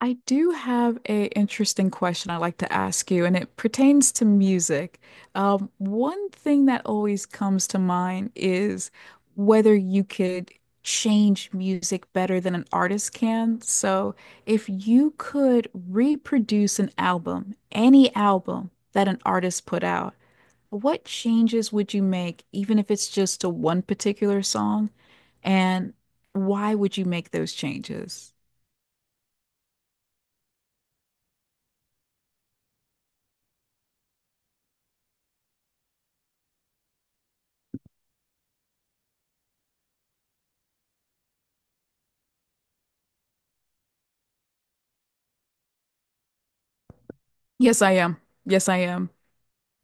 I do have a interesting question I'd like to ask you, and it pertains to music. One thing that always comes to mind is whether you could change music better than an artist can. So, if you could reproduce an album, any album that an artist put out, what changes would you make, even if it's just to one particular song? And why would you make those changes? Yes, I am. Yes, I am.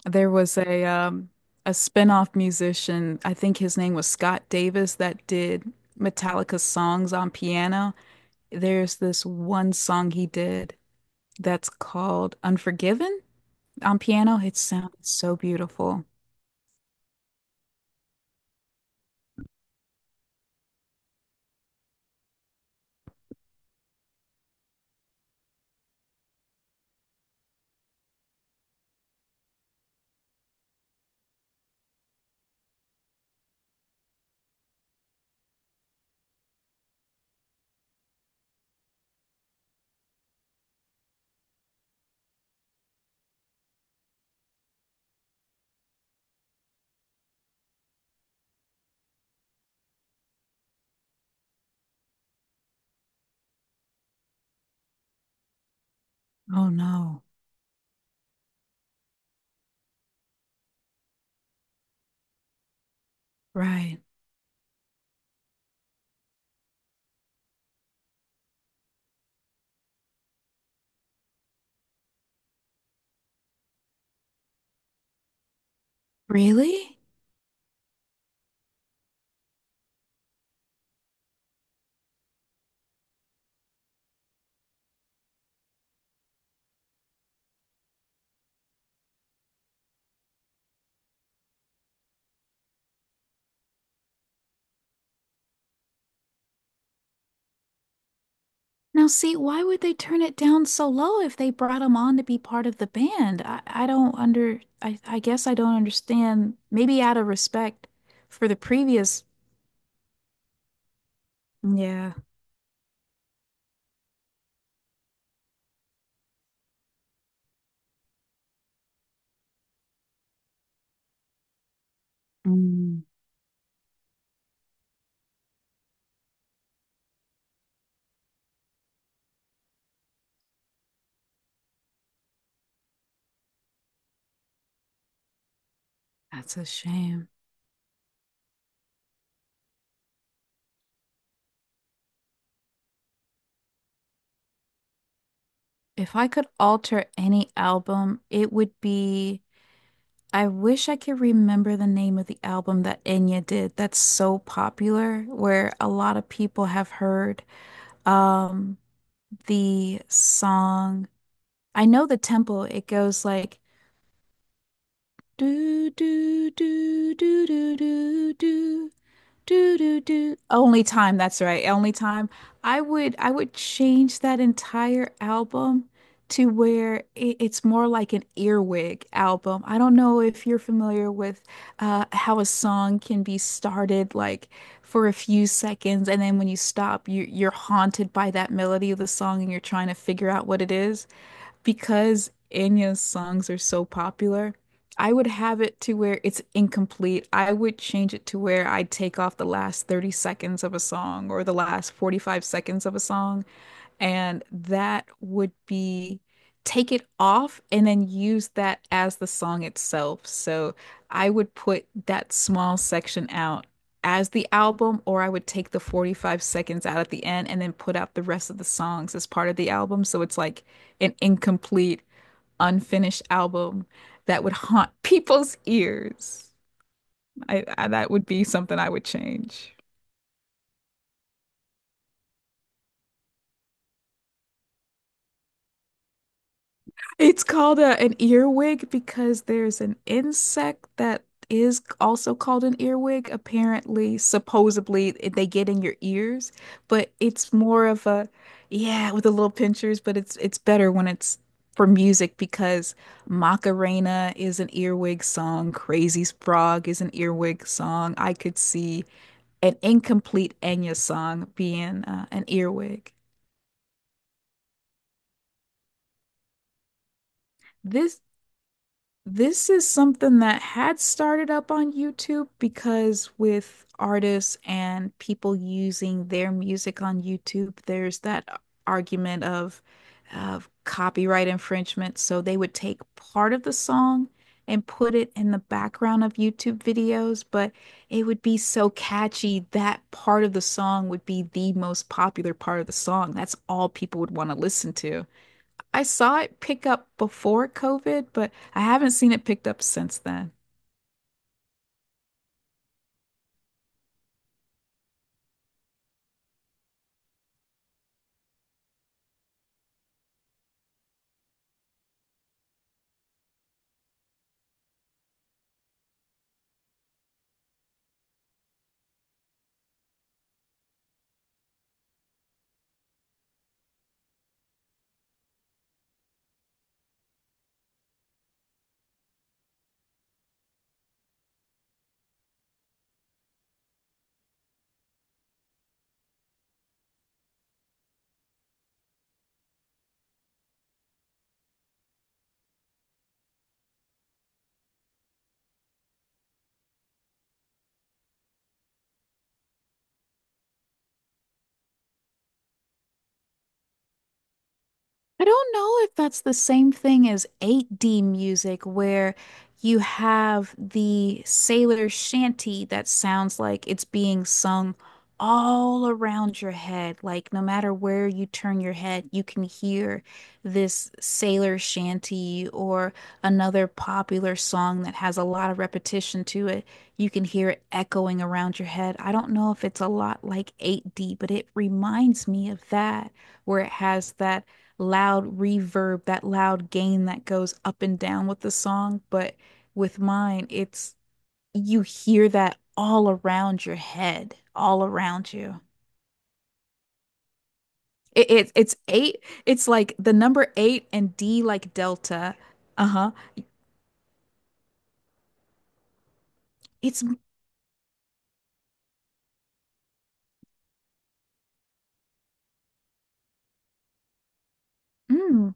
There was a a spin-off musician, I think his name was Scott Davis, that did Metallica's songs on piano. There's this one song he did that's called Unforgiven on piano. It sounded so beautiful. Oh no. Right. Really? Now see, why would they turn it down so low if they brought him on to be part of the band? I don't under, I guess I don't understand. Maybe out of respect for the previous. Yeah. Mm, that's a shame. If I could alter any album, it would be. I wish I could remember the name of the album that Enya did that's so popular, where a lot of people have heard um the song. I know the tempo, it goes like do do do do do do do do do do. Only time, that's right. Only time. I would change that entire album to where it's more like an earwig album. I don't know if you're familiar with how a song can be started like for a few seconds, and then when you stop, you're haunted by that melody of the song and you're trying to figure out what it is. Because Enya's songs are so popular, I would have it to where it's incomplete. I would change it to where I take off the last 30 seconds of a song, or the last 45 seconds of a song, and that would be take it off and then use that as the song itself. So I would put that small section out as the album, or I would take the 45 seconds out at the end and then put out the rest of the songs as part of the album. So it's like an incomplete, unfinished album that would haunt people's ears. That would be something I would change. It's called an earwig because there's an insect that is also called an earwig. Apparently, supposedly, they get in your ears, but it's more of yeah, with the little pinchers, but it's better when it's for music because Macarena is an earwig song, Crazy Frog is an earwig song. I could see an incomplete Enya song being an earwig. This This is something that had started up on YouTube because with artists and people using their music on YouTube, there's that argument of copyright infringement. So they would take part of the song and put it in the background of YouTube videos, but it would be so catchy that part of the song would be the most popular part of the song. That's all people would want to listen to. I saw it pick up before COVID, but I haven't seen it picked up since then. I don't know if that's the same thing as 8D music, where you have the sailor shanty that sounds like it's being sung all around your head. Like, no matter where you turn your head, you can hear this sailor shanty or another popular song that has a lot of repetition to it. You can hear it echoing around your head. I don't know if it's a lot like 8D, but it reminds me of that, where it has that loud reverb, that loud gain that goes up and down with the song. But with mine, it's you hear that all around your head, all around you. It's eight. It's like the number eight and D like delta. Uh-huh. It's mm,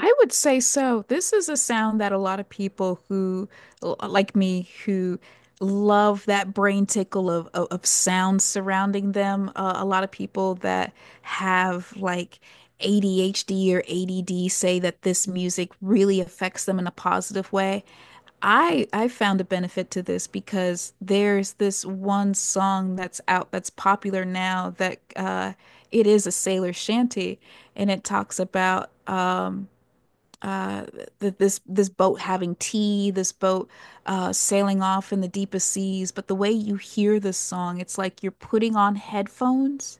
I would say so. This is a sound that a lot of people who, like me, who love that brain tickle of sounds surrounding them. A lot of people that have like ADHD or ADD say that this music really affects them in a positive way. I found a benefit to this because there's this one song that's out that's popular now that it is a sailor shanty, and it talks about uh th this this boat having tea, this boat sailing off in the deepest seas. But the way you hear this song, it's like you're putting on headphones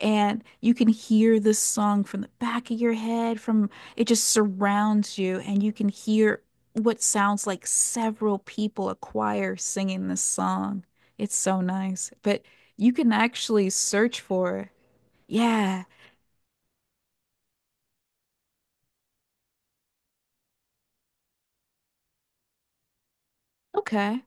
and you can hear this song from the back of your head, from it just surrounds you and you can hear what sounds like several people, a choir singing this song. It's so nice. But you can actually search for it. Yeah. Okay.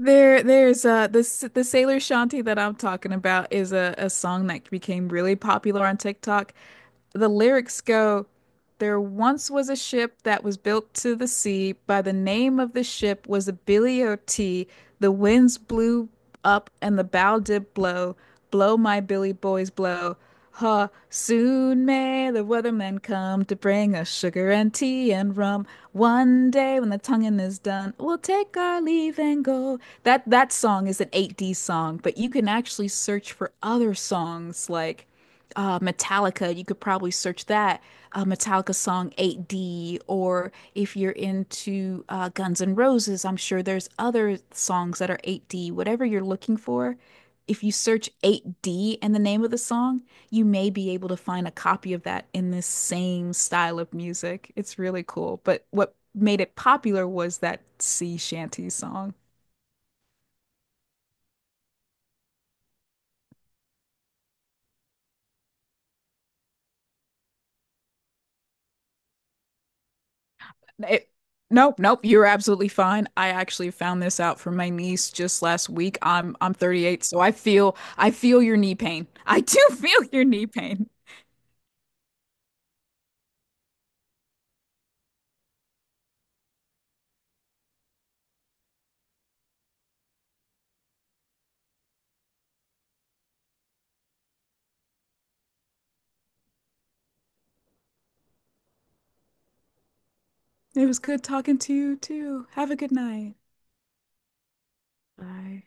There's this the Sailor Shanty that I'm talking about is a song that became really popular on TikTok. The lyrics go, "There once was a ship that was built to the sea. By the name of the ship was the Billy O.T. The winds blew up and the bow did blow. Blow, my Billy boys, blow. Ha, soon may the weathermen come to bring us sugar and tea and rum. One day when the tonguing is done, we'll take our leave and go." That song is an 8D song, but you can actually search for other songs like Metallica. You could probably search that Metallica song 8D. Or if you're into Guns N' Roses, I'm sure there's other songs that are 8D. Whatever you're looking for, if you search 8D and the name of the song, you may be able to find a copy of that in this same style of music. It's really cool. But what made it popular was that sea shanty song. It, nope, nope, you're absolutely fine. I actually found this out from my niece just last week. I'm 38, so I feel your knee pain. I do feel your knee pain. It was good talking to you too. Have a good night. Bye.